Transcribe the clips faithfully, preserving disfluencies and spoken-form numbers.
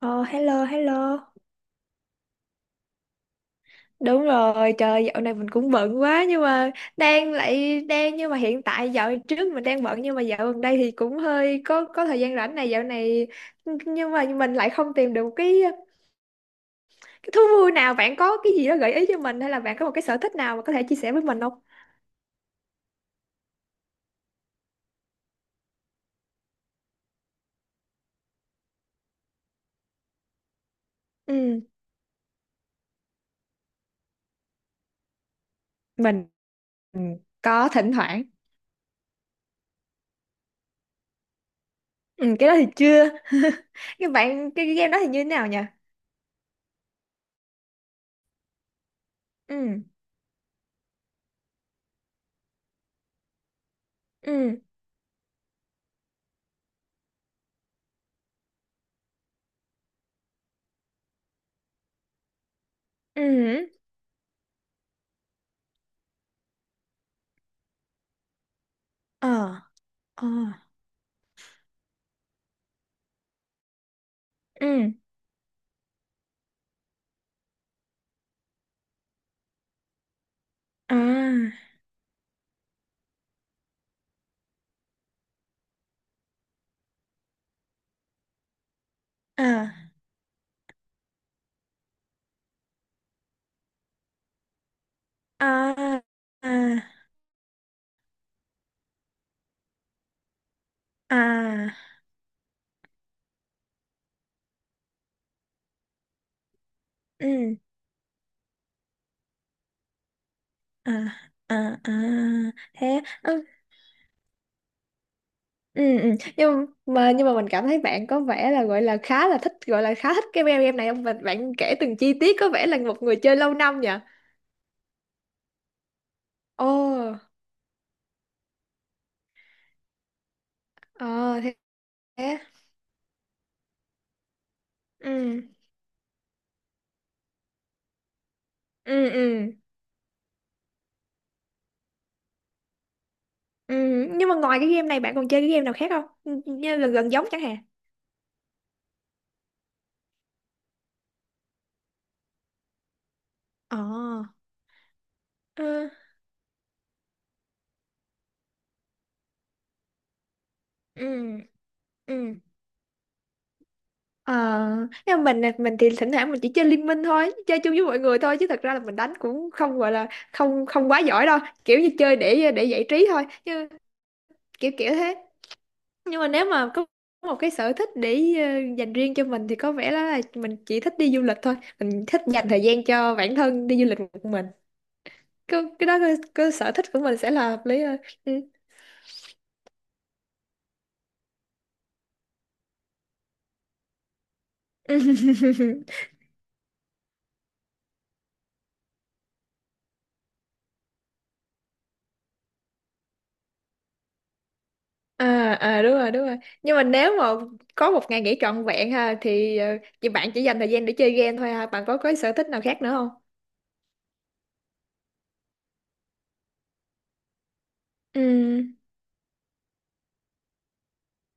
Ờ, Hello, hello. Đúng rồi, trời dạo này mình cũng bận quá nhưng mà đang lại đang nhưng mà hiện tại dạo trước mình đang bận nhưng mà dạo gần đây thì cũng hơi có có thời gian rảnh này dạo này nhưng mà mình lại không tìm được cái cái thú vui nào. Bạn có cái gì đó gợi ý cho mình hay là bạn có một cái sở thích nào mà có thể chia sẻ với mình không? Ừ, mình ừ, có thỉnh thoảng. Ừ, cái đó thì chưa. Cái bạn cái, cái game đó thì như thế nào nhỉ? Ừ, ừ, ừ. Ừ. Ờ, ờ, ừ. À. À, à, à, à, ừ, à, à, à, thế. Ừ, ừ, ừ. nhưng mà nhưng mà mình cảm thấy bạn có vẻ là gọi là khá là thích, gọi là khá thích cái game game này ông, và bạn kể từng chi tiết có vẻ là một người chơi lâu năm nhỉ? Ồ. ờ Thế, thế. Ừ, ừ, ừ, ừ. Nhưng mà ngoài cái game này bạn còn chơi cái game nào khác không, như là gần giống chẳng hạn? Ờ, ừ, ừ, ừ. Ờ, nhưng mà mình mình thì thỉnh thoảng mình chỉ chơi Liên Minh thôi, chơi chung với mọi người thôi chứ thật ra là mình đánh cũng không, gọi là không không quá giỏi đâu, kiểu như chơi để để giải trí thôi, như kiểu kiểu thế. Nhưng mà nếu mà có một cái sở thích để ờ, dành riêng cho mình thì có vẻ là mình chỉ thích đi du lịch thôi, mình thích dành thời gian cho bản thân đi du lịch một mình. Cái, cái đó cái, cái sở thích của mình sẽ là hợp lý hơn. Ừ. À, à, đúng rồi, đúng rồi. Nhưng mà nếu mà có một ngày nghỉ trọn vẹn ha, thì ờ, chị bạn chỉ dành thời gian để chơi game thôi ha? Bạn có có sở thích nào khác nữa không? Ừ.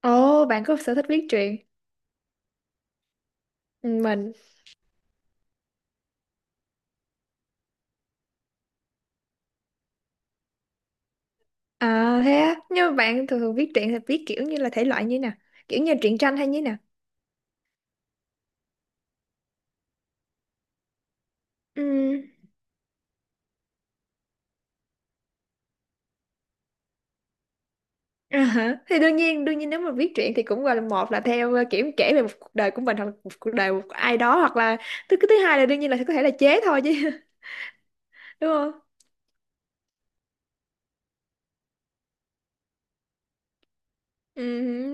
Ồ, bạn có sở thích viết truyện? Ừ, mình... À, thế á? Nhưng mà bạn thường thường viết truyện thì viết kiểu như là thể loại như nè, kiểu như truyện tranh hay như nè? Ừ. À, hả? Thì đương nhiên đương nhiên nếu mà viết truyện thì cũng gọi là, một là theo ờ, kiểu kể về một cuộc đời của mình, hoặc là một cuộc đời của ai đó, hoặc là thứ cái thứ hai là đương nhiên là có thể là chế thôi chứ. Đúng không? Ừ,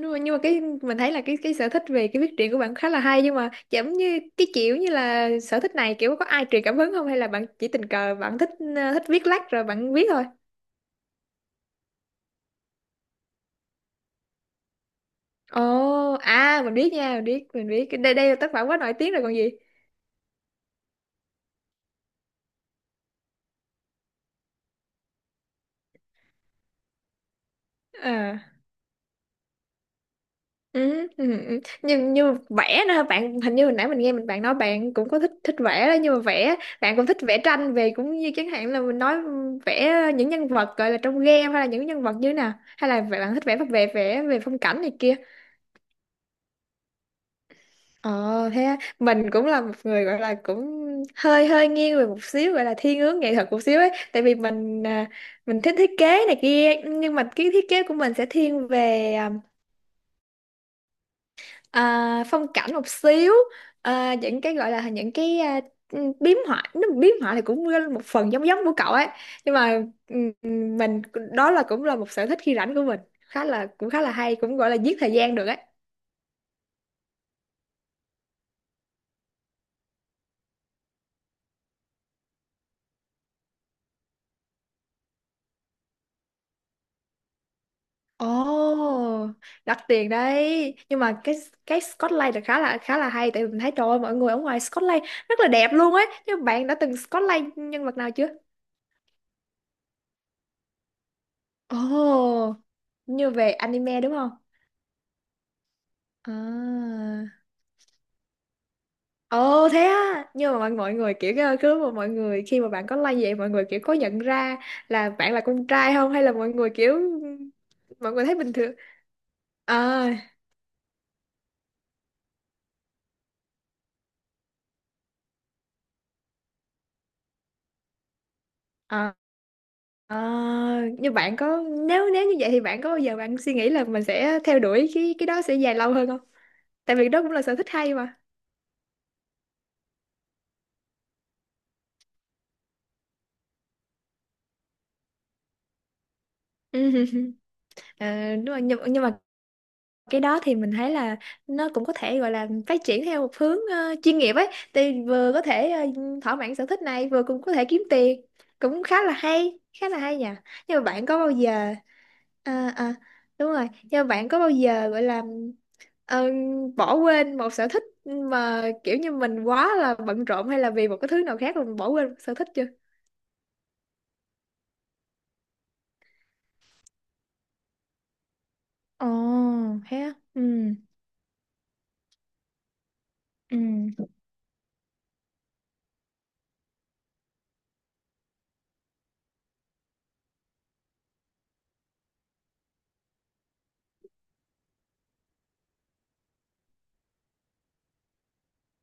nhưng mà nhưng mà cái mình thấy là cái cái sở thích về cái viết truyện của bạn khá là hay, nhưng mà giống như cái kiểu như là sở thích này kiểu có ai truyền cảm hứng không, hay là bạn chỉ tình cờ bạn thích, ờ, thích viết lách rồi bạn viết thôi. Ồ, à mình biết nha, mình biết, mình biết. Đây đây là tác phẩm quá nổi tiếng rồi còn gì. Ờ. Ừ, ừ, ừ. như như vẽ nữa hả? Bạn hình như hồi nãy mình nghe mình bạn nói bạn cũng có thích thích vẽ đó, nhưng mà vẽ bạn cũng thích vẽ tranh về, cũng như chẳng hạn là mình nói ừ, vẽ những nhân vật gọi là trong game, hay là những nhân vật như thế nào, hay là bạn thích vẽ về vẽ về phong cảnh này kia? Ờ, thế á. Mình cũng là một người gọi là cũng hơi hơi nghiêng về một xíu, gọi là thiên hướng nghệ thuật một xíu ấy, tại vì mình à, mình thích thiết kế này kia, nhưng mà cái thiết kế của mình sẽ thiên về à, phong cảnh một xíu, à, những cái gọi là những cái à, ừ, biếm họa. Nó biếm họa thì cũng một phần giống giống của cậu ấy, nhưng mà ừ, ừ, mình... Đó là cũng là một sở thích khi rảnh của mình, khá là cũng khá là hay, cũng gọi là giết thời gian được ấy. Ồ, đắt tiền đấy. Nhưng mà cái cái Scotland là khá là khá là hay, tại vì mình thấy trời ơi, mọi người ở ngoài Scotland rất là đẹp luôn ấy. Nhưng bạn đã từng Scotland nhân vật nào chưa? Ồ, như về anime đúng không? À. Ồ, thế á. Nhưng mà mọi mọi người kiểu cái- cứ mà mọi người, khi mà bạn có like vậy, mọi người kiểu có nhận ra là bạn là con trai không, hay là mọi người kiểu mọi người thấy bình thường? À, à, à. Như bạn có... Nếu nếu như vậy thì bạn có bao giờ bạn suy nghĩ là mình sẽ theo đuổi cái cái đó sẽ dài lâu hơn không? Tại vì đó cũng là sở thích hay mà. Ờ, đúng rồi, nhưng, nhưng mà cái đó thì mình thấy là nó cũng có thể gọi là phát triển theo một hướng ờ, chuyên nghiệp ấy, thì vừa có thể ờ, thỏa mãn sở thích này, vừa cũng có thể kiếm tiền, cũng khá là hay, khá là hay nhỉ. Nhưng mà bạn có bao giờ... À, à, đúng rồi, nhưng mà bạn có bao giờ gọi là ờ, bỏ quên một sở thích mà kiểu như mình quá là bận rộn, hay là vì một cái thứ nào khác mà mình bỏ quên một sở thích chưa? Ồ, thế á. Ừ, ừ,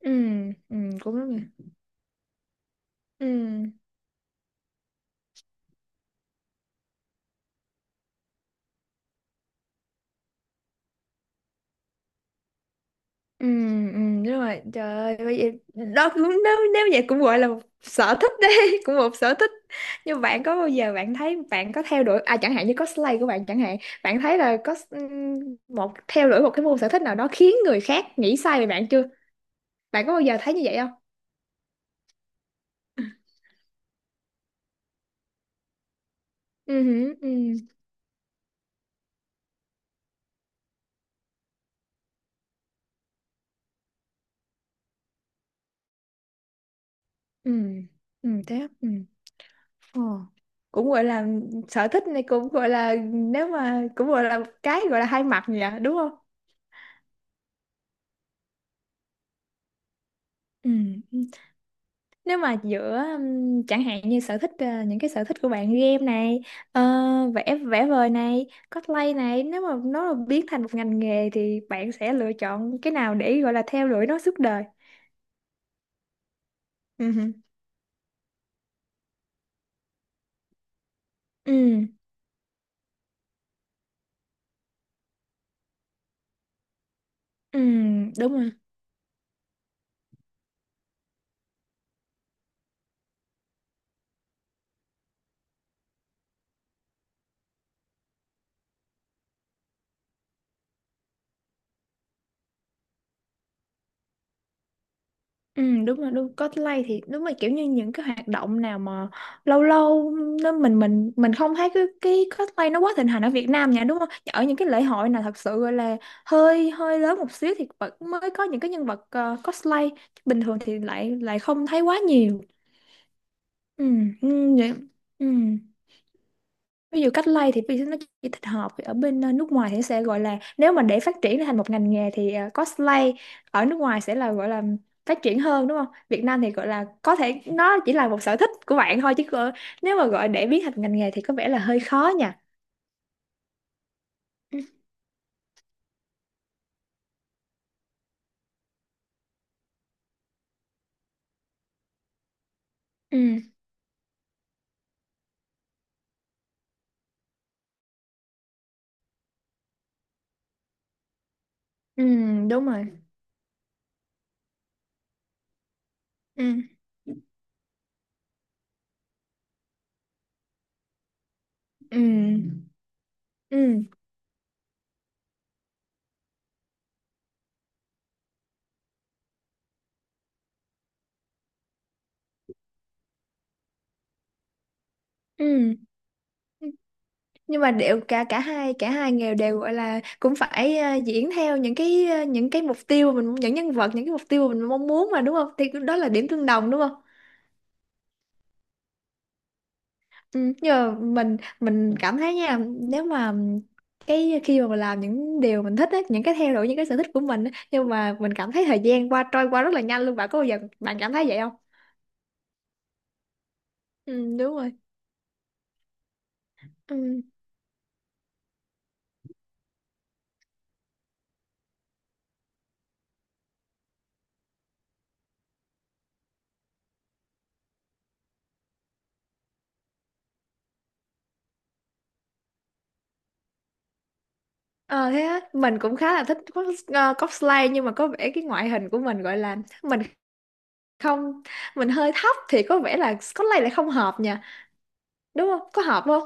ừ, ừ, cũng đúng nhỉ. Ừ. Ừ, ừ, đúng rồi, trời ơi bây giờ đó cũng, nếu nếu vậy cũng gọi là một sở thích đấy. Cũng một sở thích. Nhưng bạn có bao giờ bạn thấy bạn có theo đuổi, à, chẳng hạn như cosplay của bạn chẳng hạn, bạn thấy là có ừm, một theo đuổi một cái môn sở thích nào đó khiến người khác nghĩ sai về bạn chưa? Bạn có bao giờ thấy như vậy không? Ừ hử, ừ, ừ, ừ, thế á, ừ. Ờ. Cũng gọi là sở thích này, cũng gọi là nếu mà cũng gọi là một cái, gọi là hai mặt nhỉ, đúng không? Ừ. Nếu mà giữa ừm, chẳng hạn như sở thích, ờ, những cái sở thích của bạn game này, ờ, vẽ vẽ vời này, cosplay này, nếu mà nó là biến thành một ngành nghề thì bạn sẽ lựa chọn cái nào để gọi là theo đuổi nó suốt đời? Ừ hử. Ừ. Ừ. Đúng rồi. Ừ, đúng rồi, đúng cosplay thì đúng là kiểu như những cái hoạt động nào mà lâu lâu nó mình mình mình không thấy cái cái cosplay nó quá thịnh hành ở Việt Nam nha, đúng không? Ở những cái lễ hội nào thật sự gọi là hơi hơi lớn một xíu thì vẫn mới có những cái nhân vật ờ, cosplay, bình thường thì lại lại không thấy quá nhiều. Ừ, ừ, vậy... Ừ, ví dụ cách lay thì ví dụ nó chỉ thích hợp ở bên ờ, nước ngoài thì nó sẽ gọi là, nếu mà để phát triển thành một ngành nghề thì ờ, cosplay ở nước ngoài sẽ là gọi là phát triển hơn đúng không? Việt Nam thì gọi là có thể nó chỉ là một sở thích của bạn thôi, chứ ờ, nếu mà gọi để biến thành ngành nghề thì có vẻ là hơi khó nha. Ừ, ừ, đúng rồi. Ừ, ừ, ừ, ừ. Nhưng mà đều, cả cả hai cả hai nghề đều gọi là cũng phải ờ, diễn theo những cái ờ, những cái mục tiêu mà mình, những nhân vật, những cái mục tiêu mà mình mong muốn mà, đúng không? Thì đó là điểm tương đồng, đúng không? Ừ, nhưng mà mình mình cảm thấy nha, nếu mà cái khi mà mình làm những điều mình thích á, những cái theo đuổi những cái sở thích của mình á, nhưng mà mình cảm thấy thời gian qua trôi qua rất là nhanh luôn. Bạn có bao giờ bạn cảm thấy vậy không? Ừ, đúng rồi. Ừ. Ờ, thế á. Mình cũng khá là thích cos- ờ, cosplay, nhưng mà có vẻ cái ngoại hình của mình gọi là mình không... Mình hơi thấp thì có vẻ là Scotland lại không hợp nha, đúng không? Có hợp không?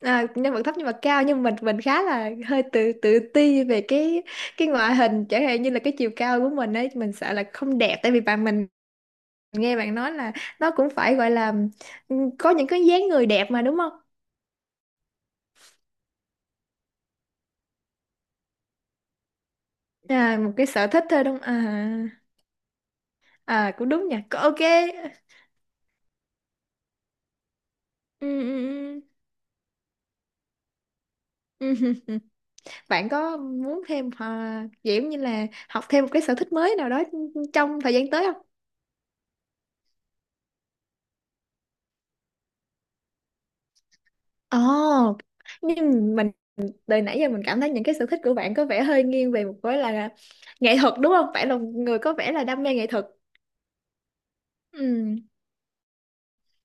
À, nhân vật thấp nhưng mà cao, nhưng mình mình khá là hơi tự tự ti về cái cái ngoại hình, chẳng hạn như là cái chiều cao của mình ấy, mình sợ là không đẹp, tại vì bạn mình nghe bạn nói là nó cũng phải gọi là, ừ, có những cái dáng người đẹp mà đúng không? À, một cái sở thích thôi đúng không? À. À, cũng đúng nha. Có- ok. Ừ, ừ, ừ. Ừ, ừ. Bạn có muốn thêm, à, kiểu như là học thêm một cái sở thích mới nào đó trong thời gian tới không? Ồ, nhưng mình từ nãy giờ mình cảm thấy những cái sở thích của bạn có vẻ hơi nghiêng về một cái là nghệ thuật, đúng không? Bạn là một người có vẻ là đam mê nghệ thuật. Ừ,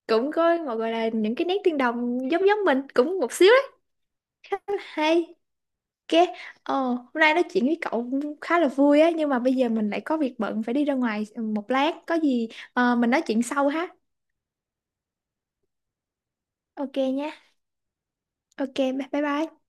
cũng có một gọi là những cái nét tương đồng giống giống mình cũng một xíu đấy. Khá là hay. Ok, ờ, hôm nay nói chuyện với cậu cũng khá là vui á, nhưng mà bây giờ mình lại có việc bận phải đi ra ngoài một lát, có gì ờ, mình nói chuyện sau ha. Ok nha. Ok, bye bye bye.